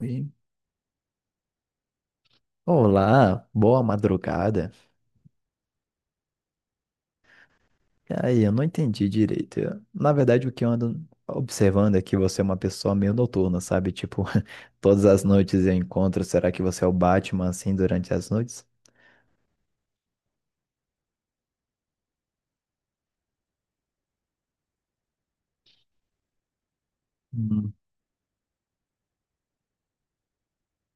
E, olá, boa madrugada. E aí, eu não entendi direito. Eu- na verdade, o que eu ando observando é que você é uma pessoa meio noturna, sabe? Tipo, todas as noites eu encontro. Será que você é o Batman assim durante as noites? Hum.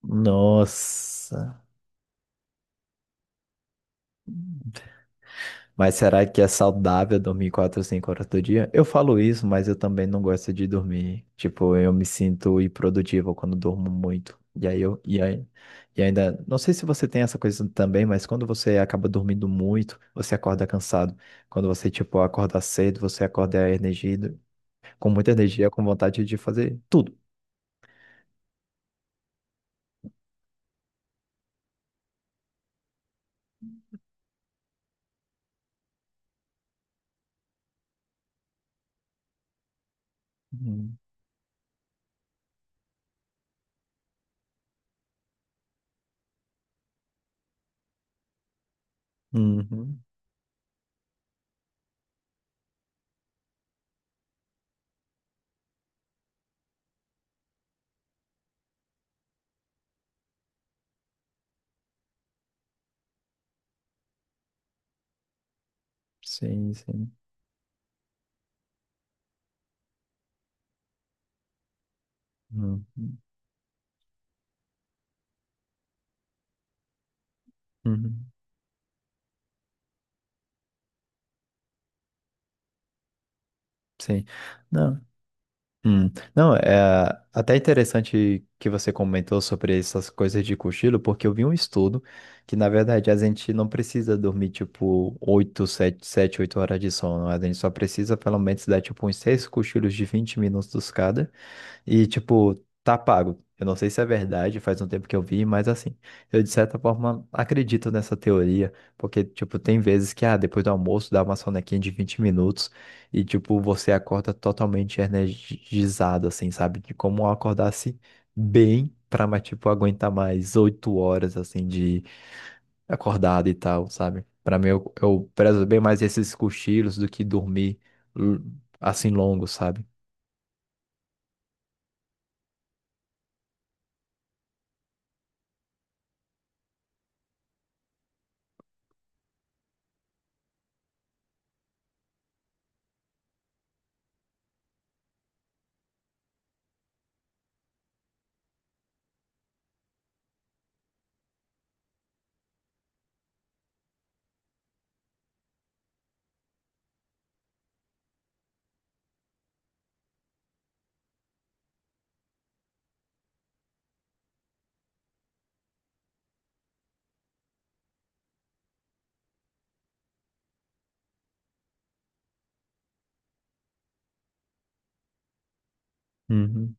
Nossa. Mas será que é saudável dormir 4 ou 5 horas do dia? Eu falo isso, mas eu também não gosto de dormir. Tipo, eu me sinto improdutivo quando durmo muito. E aí eu, e aí, e ainda, não sei se você tem essa coisa também, mas quando você acaba dormindo muito, você acorda cansado. Quando você, tipo, acorda cedo, você acorda energido, com muita energia, com vontade de fazer tudo. Uhum. Uhum. Sim, sim. Uhum. Uhum. Sim. Não. Hum. Não, é até interessante que você comentou sobre essas coisas de cochilo, porque eu vi um estudo que, na verdade, a gente não precisa dormir, tipo, 8 7 7 8 horas de sono. A gente só precisa, pelo menos, dar, tipo, uns 6 cochilos de 20 minutos cada. E, tipo, tá pago. Eu não sei se é verdade, faz um tempo que eu vi, mas assim, eu de certa forma acredito nessa teoria, porque, tipo, tem vezes que, ah, depois do almoço dá uma sonequinha de 20 minutos e, tipo, você acorda totalmente energizado, assim, sabe? De como eu acordasse bem pra, mas, tipo, aguentar mais 8 horas, assim, de acordado e tal, sabe? Pra mim, eu prezo bem mais esses cochilos do que dormir, l- assim, longo, sabe? Uhum.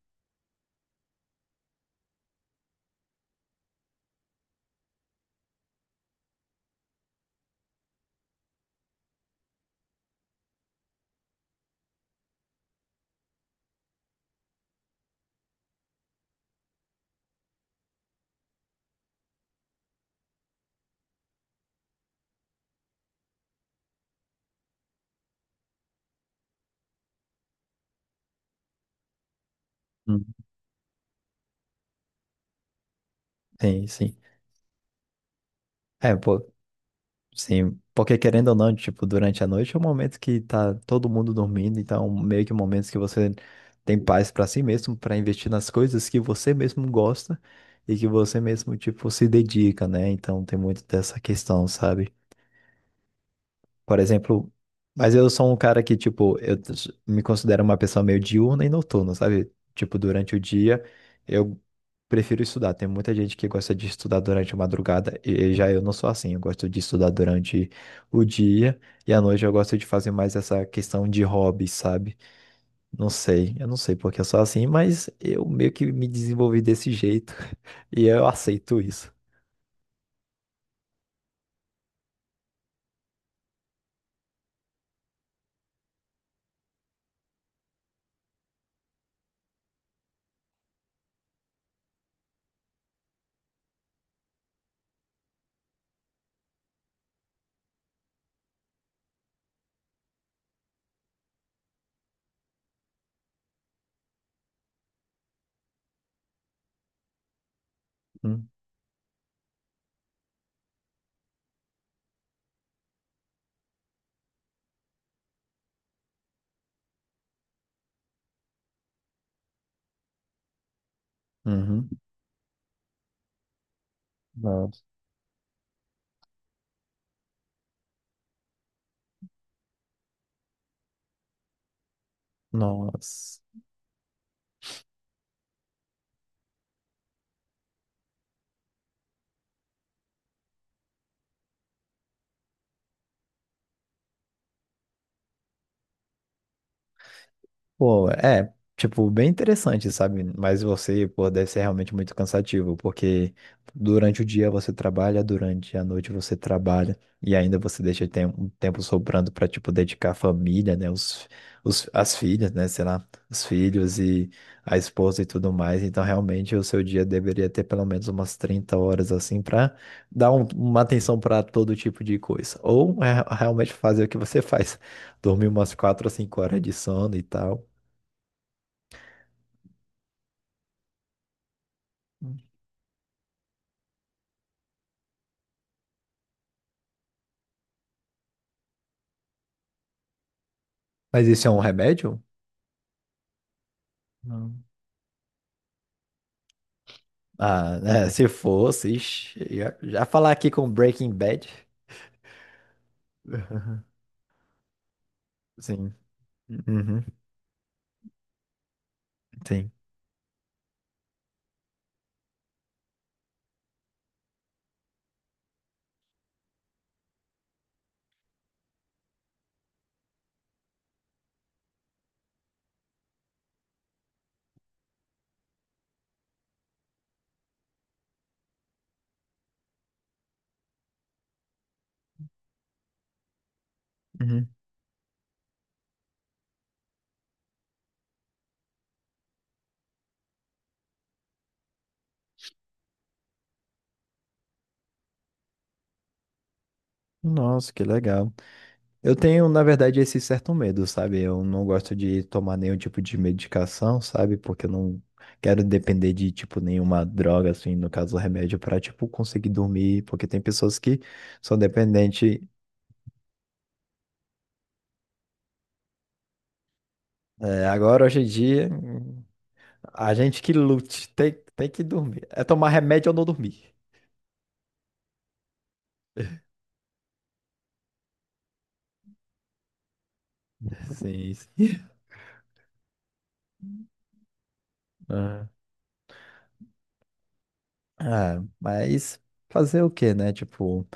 Uhum. Sim, sim. É, pô, sim, porque querendo ou não, tipo, durante a noite é um momento que tá todo mundo dormindo, então meio que momentos que você tem paz pra si mesmo, pra investir nas coisas que você mesmo gosta e que você mesmo, tipo, se dedica, né? Então tem muito dessa questão, sabe? Por exemplo, mas eu sou um cara que, tipo, eu t- me considero uma pessoa meio diurna e noturna, sabe? Tipo, durante o dia eu prefiro estudar. Tem muita gente que gosta de estudar durante a madrugada e já eu não sou assim. Eu gosto de estudar durante o dia e à noite eu gosto de fazer mais essa questão de hobby, sabe? Não sei, eu não sei porque eu sou assim, mas eu meio que me desenvolvi desse jeito e eu aceito isso. Hum. Uhum. Nossa. Nossa. Pô, é, tipo, bem interessante, sabe? Mas você, pô, deve ser realmente muito cansativo, porque durante o dia você trabalha, durante a noite você trabalha, e ainda você deixa tem- um tempo sobrando pra, tipo, dedicar a família, né? As filhas, né? Sei lá, os filhos e a esposa e tudo mais. Então, realmente, o seu dia deveria ter pelo menos umas 30 horas, assim, pra dar um- uma atenção pra todo tipo de coisa. Ou é, realmente fazer o que você faz dormir umas 4 ou 5 horas de sono e tal. Mas isso é um remédio? Não. Ah, é, se fosse, ixi, já falar aqui com Breaking Bad. Sim. Uhum, sim. Uhum. Nossa, que legal. Eu tenho, na verdade, esse certo medo, sabe? Eu não gosto de tomar nenhum tipo de medicação, sabe? Porque eu não quero depender de, tipo, nenhuma droga, assim, no caso, remédio, pra, tipo, conseguir dormir. Porque tem pessoas que são dependentes. É, agora, hoje em dia. A gente que lute, tem que dormir. É tomar remédio ou não dormir. Sim, sim. Ah. Ah, mas fazer o quê, né? Tipo,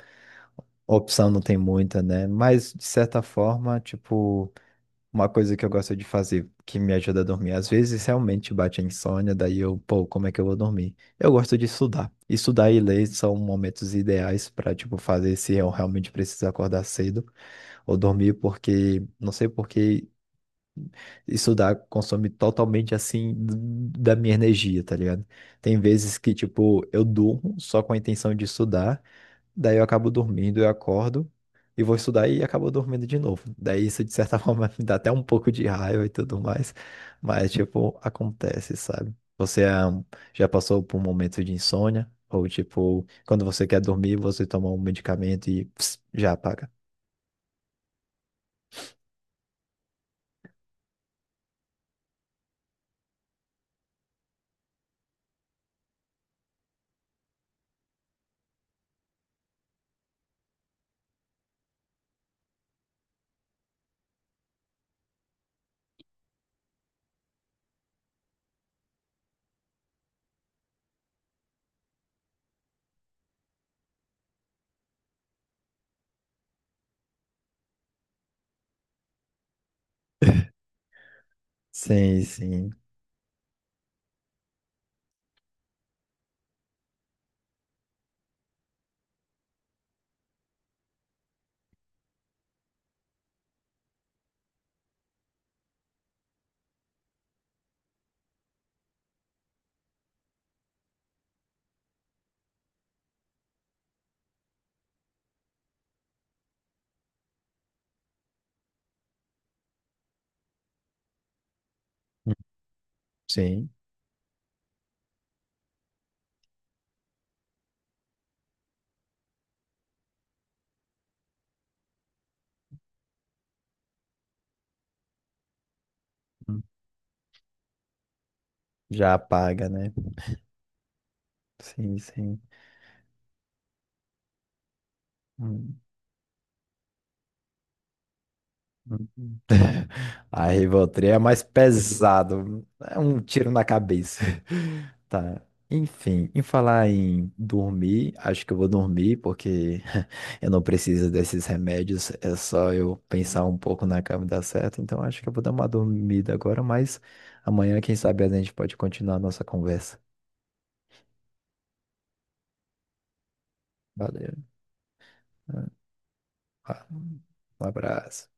opção não tem muita, né? Mas, de certa forma, tipo, uma coisa que eu gosto de fazer que me ajuda a dormir. Às vezes, realmente bate a insônia, daí eu, pô, como é que eu vou dormir? Eu gosto de estudar. Estudar e ler são momentos ideais pra, tipo, fazer se eu realmente preciso acordar cedo ou dormir, porque, não sei por que. Estudar consome totalmente assim da minha energia, tá ligado? Tem vezes que, tipo, eu durmo só com a intenção de estudar, daí eu acabo dormindo, eu acordo e vou estudar e acabo dormindo de novo. Daí isso, de certa forma, me dá até um pouco de raiva e tudo mais, mas, tipo, acontece, sabe? Já passou por um momento de insônia? Ou, tipo, quando você quer dormir, você toma um medicamento e pss, já apaga? Sim, sim, sim, já apaga, né? Sim, sim. Hum, hum, A Rivotril é mais pesado. É um tiro na cabeça. Tá. Enfim, em falar em dormir, acho que eu vou dormir porque eu não preciso desses remédios. É só eu pensar um pouco na cama e dar certo. Então acho que eu vou dar uma dormida agora, mas amanhã, quem sabe, a gente pode continuar a nossa conversa. Valeu. Ah. Um abraço.